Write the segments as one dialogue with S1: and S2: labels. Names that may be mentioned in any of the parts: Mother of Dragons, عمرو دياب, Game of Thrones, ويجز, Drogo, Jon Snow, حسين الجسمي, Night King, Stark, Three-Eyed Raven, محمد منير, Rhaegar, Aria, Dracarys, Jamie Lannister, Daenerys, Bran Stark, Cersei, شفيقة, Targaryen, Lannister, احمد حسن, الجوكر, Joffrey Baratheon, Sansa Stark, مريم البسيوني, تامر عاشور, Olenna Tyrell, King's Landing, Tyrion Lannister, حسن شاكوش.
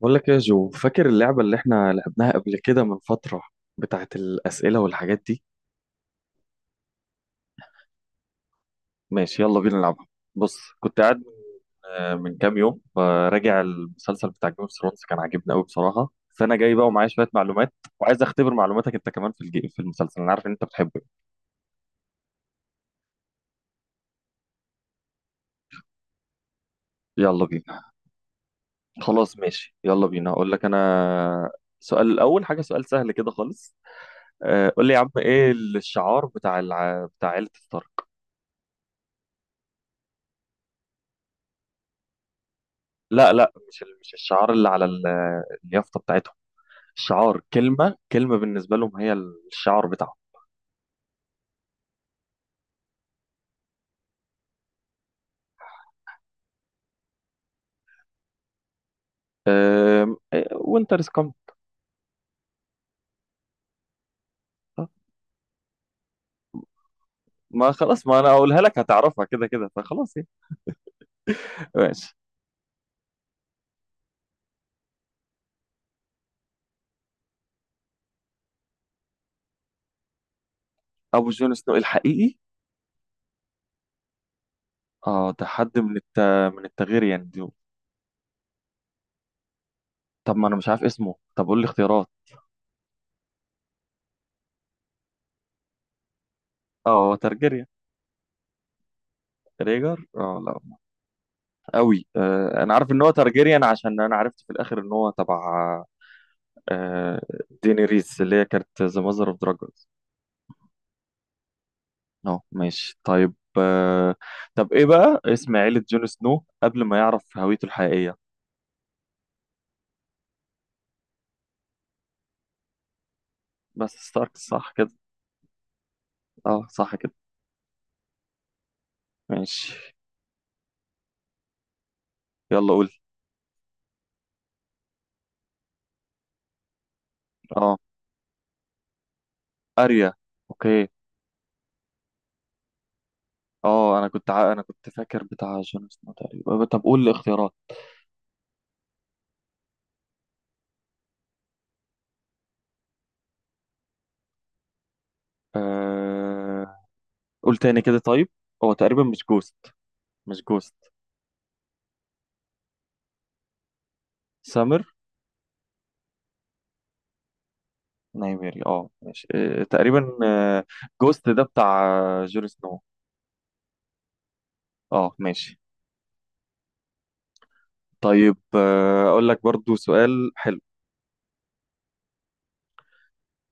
S1: بقول لك إيه يا جو، فاكر اللعبة اللي احنا لعبناها قبل كده من فترة؟ بتاعت الأسئلة والحاجات دي. ماشي، يلا بينا نلعبها. بص، كنت قاعد من من كام يوم فراجع المسلسل بتاع جيم اوف ثرونز، كان عاجبني قوي بصراحة. فأنا جاي بقى ومعايا شوية معلومات، وعايز أختبر معلوماتك أنت كمان في في المسلسل، أنا عارف إن أنت بتحبه. يلا بينا. خلاص ماشي، يلا بينا. أقول لك أنا سؤال الأول، حاجة سؤال سهل كده خالص. قول لي يا عم، إيه الشعار بتاع بتاع عيلة ستارك؟ لا لا، مش مش الشعار اللي على اليافطة بتاعتهم. الشعار كلمة كلمة بالنسبة لهم هي الشعار بتاعهم. وينتر از كومينج. ما خلاص، ما انا اقولها لك هتعرفها كده كده فخلاص يعني. ماشي. ابو جون سنو الحقيقي؟ اه، ده حد من من التغيير يعني دي. طب ما انا مش عارف اسمه، طب قول لي اختيارات. اه ترجيريان. ريجر اه لا. قوي. آه انا عارف ان هو ترجيريان عشان انا عرفت في الاخر ان هو تبع آه دينيريس اللي هي كانت ذا ماذر اوف دراجون. اه ماشي طيب. طب ايه بقى اسم عيلة جون سنو قبل ما يعرف هويته الحقيقية؟ بس ستارك صح كده؟ اه صح كده. ماشي. يلا قول. اه. اريا. اوكي. اه انا كنت فاكر بتاع جون سنو تقريبا. طب قول الاختيارات. آه... قول تاني كده طيب. هو تقريبا مش جوست. مش جوست. سامر. نايميري اه ماشي. تقريبا. جوست ده بتاع جون سنو. اه ماشي. طيب، اقول لك برضو سؤال حلو.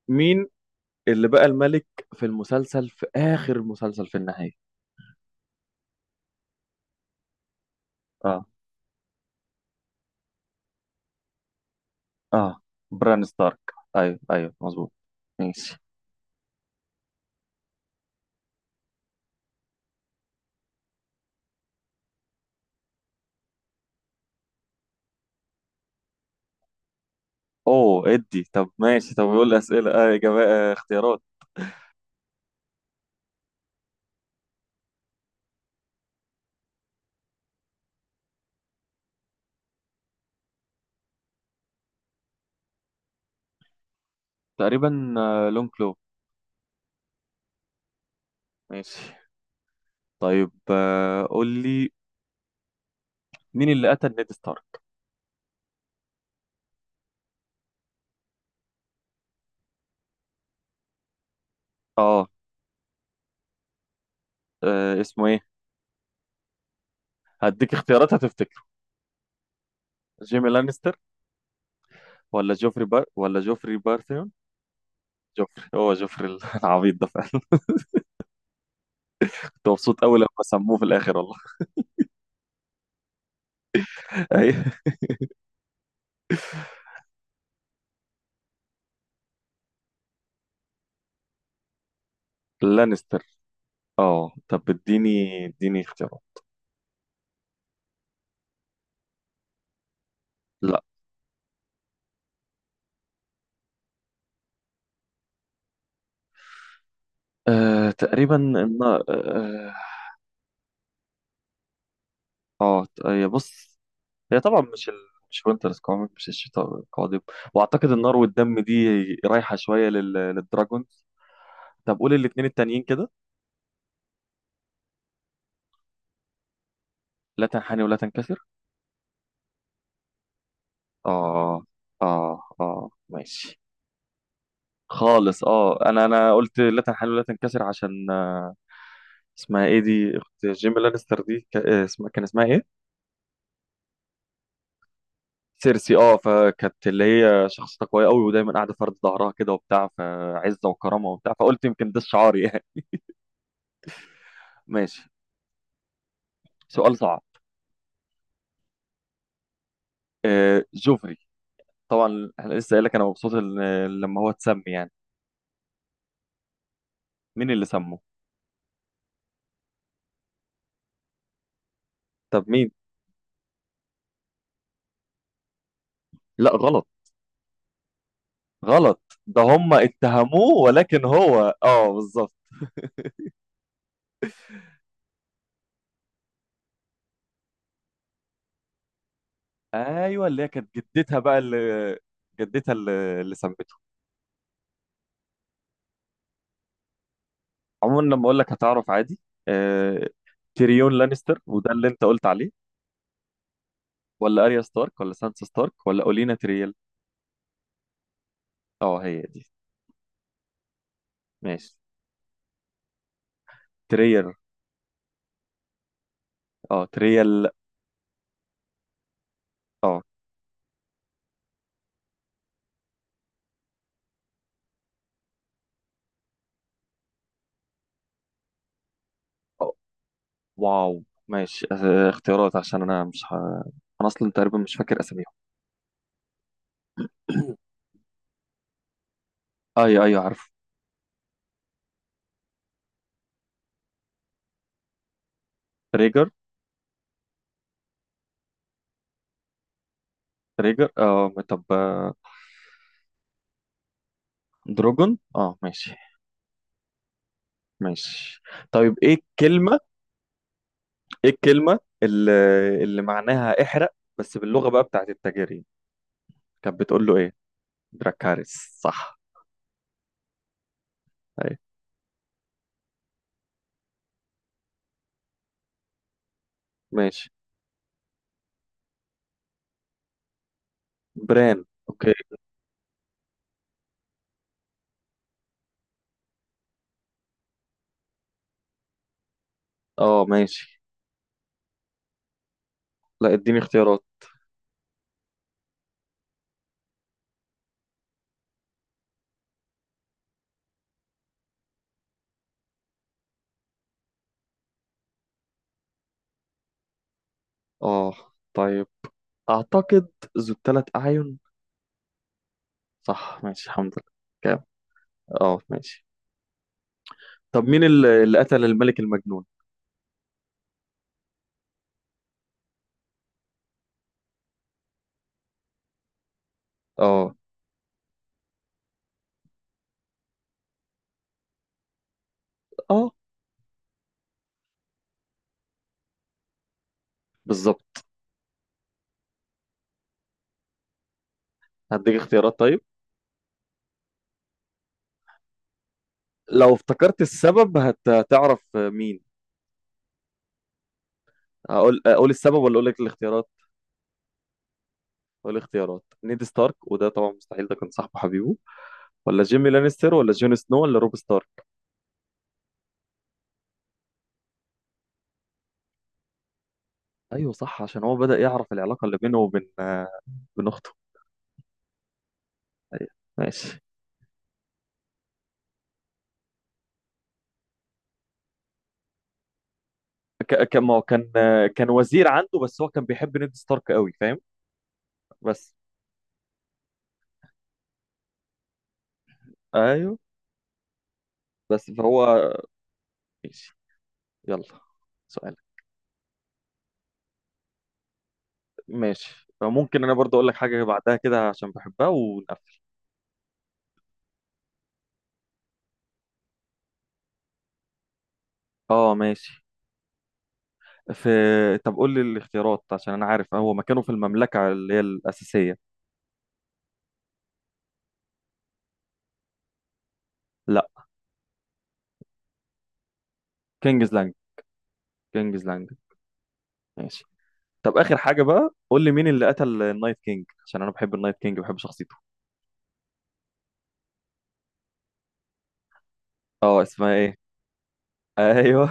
S1: مين اللي بقى الملك في المسلسل، في آخر المسلسل في النهاية؟ اه. اه بران ستارك. ايوه ايوه، مظبوط. ماشي. اوه ادي، طب ماشي. طب يقول لي اسئله، اه اجابه، آه اختيارات. تقريبا آه لون كلو. ماشي طيب. قول لي مين اللي قتل نيد ستارك. اه. اسمه ايه؟ هديك اختيارات هتفتكره. جيمي لانستر، ولا جوفري بارثيون. جوفري هو جوفري العبيط ده فعلا. كنت مبسوط قوي لما سموه في الاخر والله. ايوه. لانستر. اه طب اديني اديني اختيارات. لا. آه تقريبا ان هي بص، هي طبعا مش مش وينتر از كومينج، مش الشتاء القادم. واعتقد النار والدم دي رايحه شويه للدراجونز. طب قول الاثنين التانيين كده. لا تنحني ولا تنكسر. اه اه اه ماشي خالص. اه، انا قلت لا تنحني ولا تنكسر عشان اسمها ايه دي اخت جيمي لانستر دي اسمها، كان اسمها ايه؟ سيرسي. اه، فكانت اللي هي شخصيتها قويه قوي، ودايما قاعده فرد ظهرها كده وبتاع، فعزه وكرامه وبتاع، فقلت يمكن ده الشعار يعني. ماشي. سؤال صعب. آه جوفري، طبعا احنا لسه قايل لك انا مبسوط لما هو اتسمي يعني، مين اللي سمه؟ طب مين. لا غلط، غلط. ده هم اتهموه ولكن هو اه بالظبط. ايوه اللي هي كانت جدتها بقى اللي، جدتها اللي سمته. عموما لما اقول لك هتعرف عادي. آه تيريون لانستر، وده اللي انت قلت عليه، ولا اريا ستارك، ولا سانسا ستارك، ولا اولينا تريال. اه هي دي. ماشي. تريال. اه تريال اه. آه، واو ماشي. اختيارات عشان انا اصلا تقريبا مش فاكر اساميهم. ايوه ايوه عارف. ريجر ريجر اه طب. دروجون اه ماشي. ماشي. طيب ايه الكلمة، ايه الكلمة اللي معناها احرق، بس باللغة بقى بتاعت التاجرين، كانت بتقول له ايه؟ دراكاريس صح. ايوه. ماشي. بران اوكي. اه ماشي. لا اديني اختيارات. اه طيب، اعتقد ذو الثلاث اعين. صح، ماشي الحمد لله. كام. اه ماشي. طب مين اللي قتل الملك المجنون؟ اه. اه بالظبط. هديك اختيارات طيب. لو افتكرت السبب هتعرف مين. اقول السبب ولا اقول لك الاختيارات؟ اقول الاختيارات: نيد ستارك، وده طبعا مستحيل ده كان صاحبه حبيبه، ولا جيمي لانستر، ولا جون سنو، ولا روب ستارك. ايوه صح، عشان هو بدأ يعرف العلاقة اللي بينه وبين بين اخته. ماشي. كان، ما هو كان وزير عنده، بس هو كان بيحب نيد ستارك قوي، فاهم؟ بس. ايوه بس فهو. ماشي. يلا سؤالك. ماشي، ممكن انا برضو اقول لك حاجه بعدها كده عشان بحبها ونقفل. اه ماشي. في. طب قول لي الاختيارات عشان انا عارف هو مكانه في المملكه اللي هي الاساسيه. لا. كينجز لاند. كينجز لاند. ماشي. طب اخر حاجه بقى، قول لي مين اللي قتل النايت كينج، عشان انا بحب النايت كينج، بحب شخصيته. اه اسمها ايه؟ ايوه.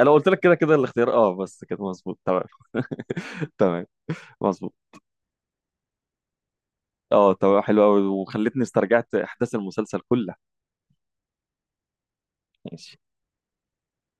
S1: انا قلت لك كده كده الاختيار اه، بس كده مظبوط تمام. تمام، مظبوط. اه تمام، حلو قوي، وخلتني استرجعت احداث المسلسل كلها. ماشي.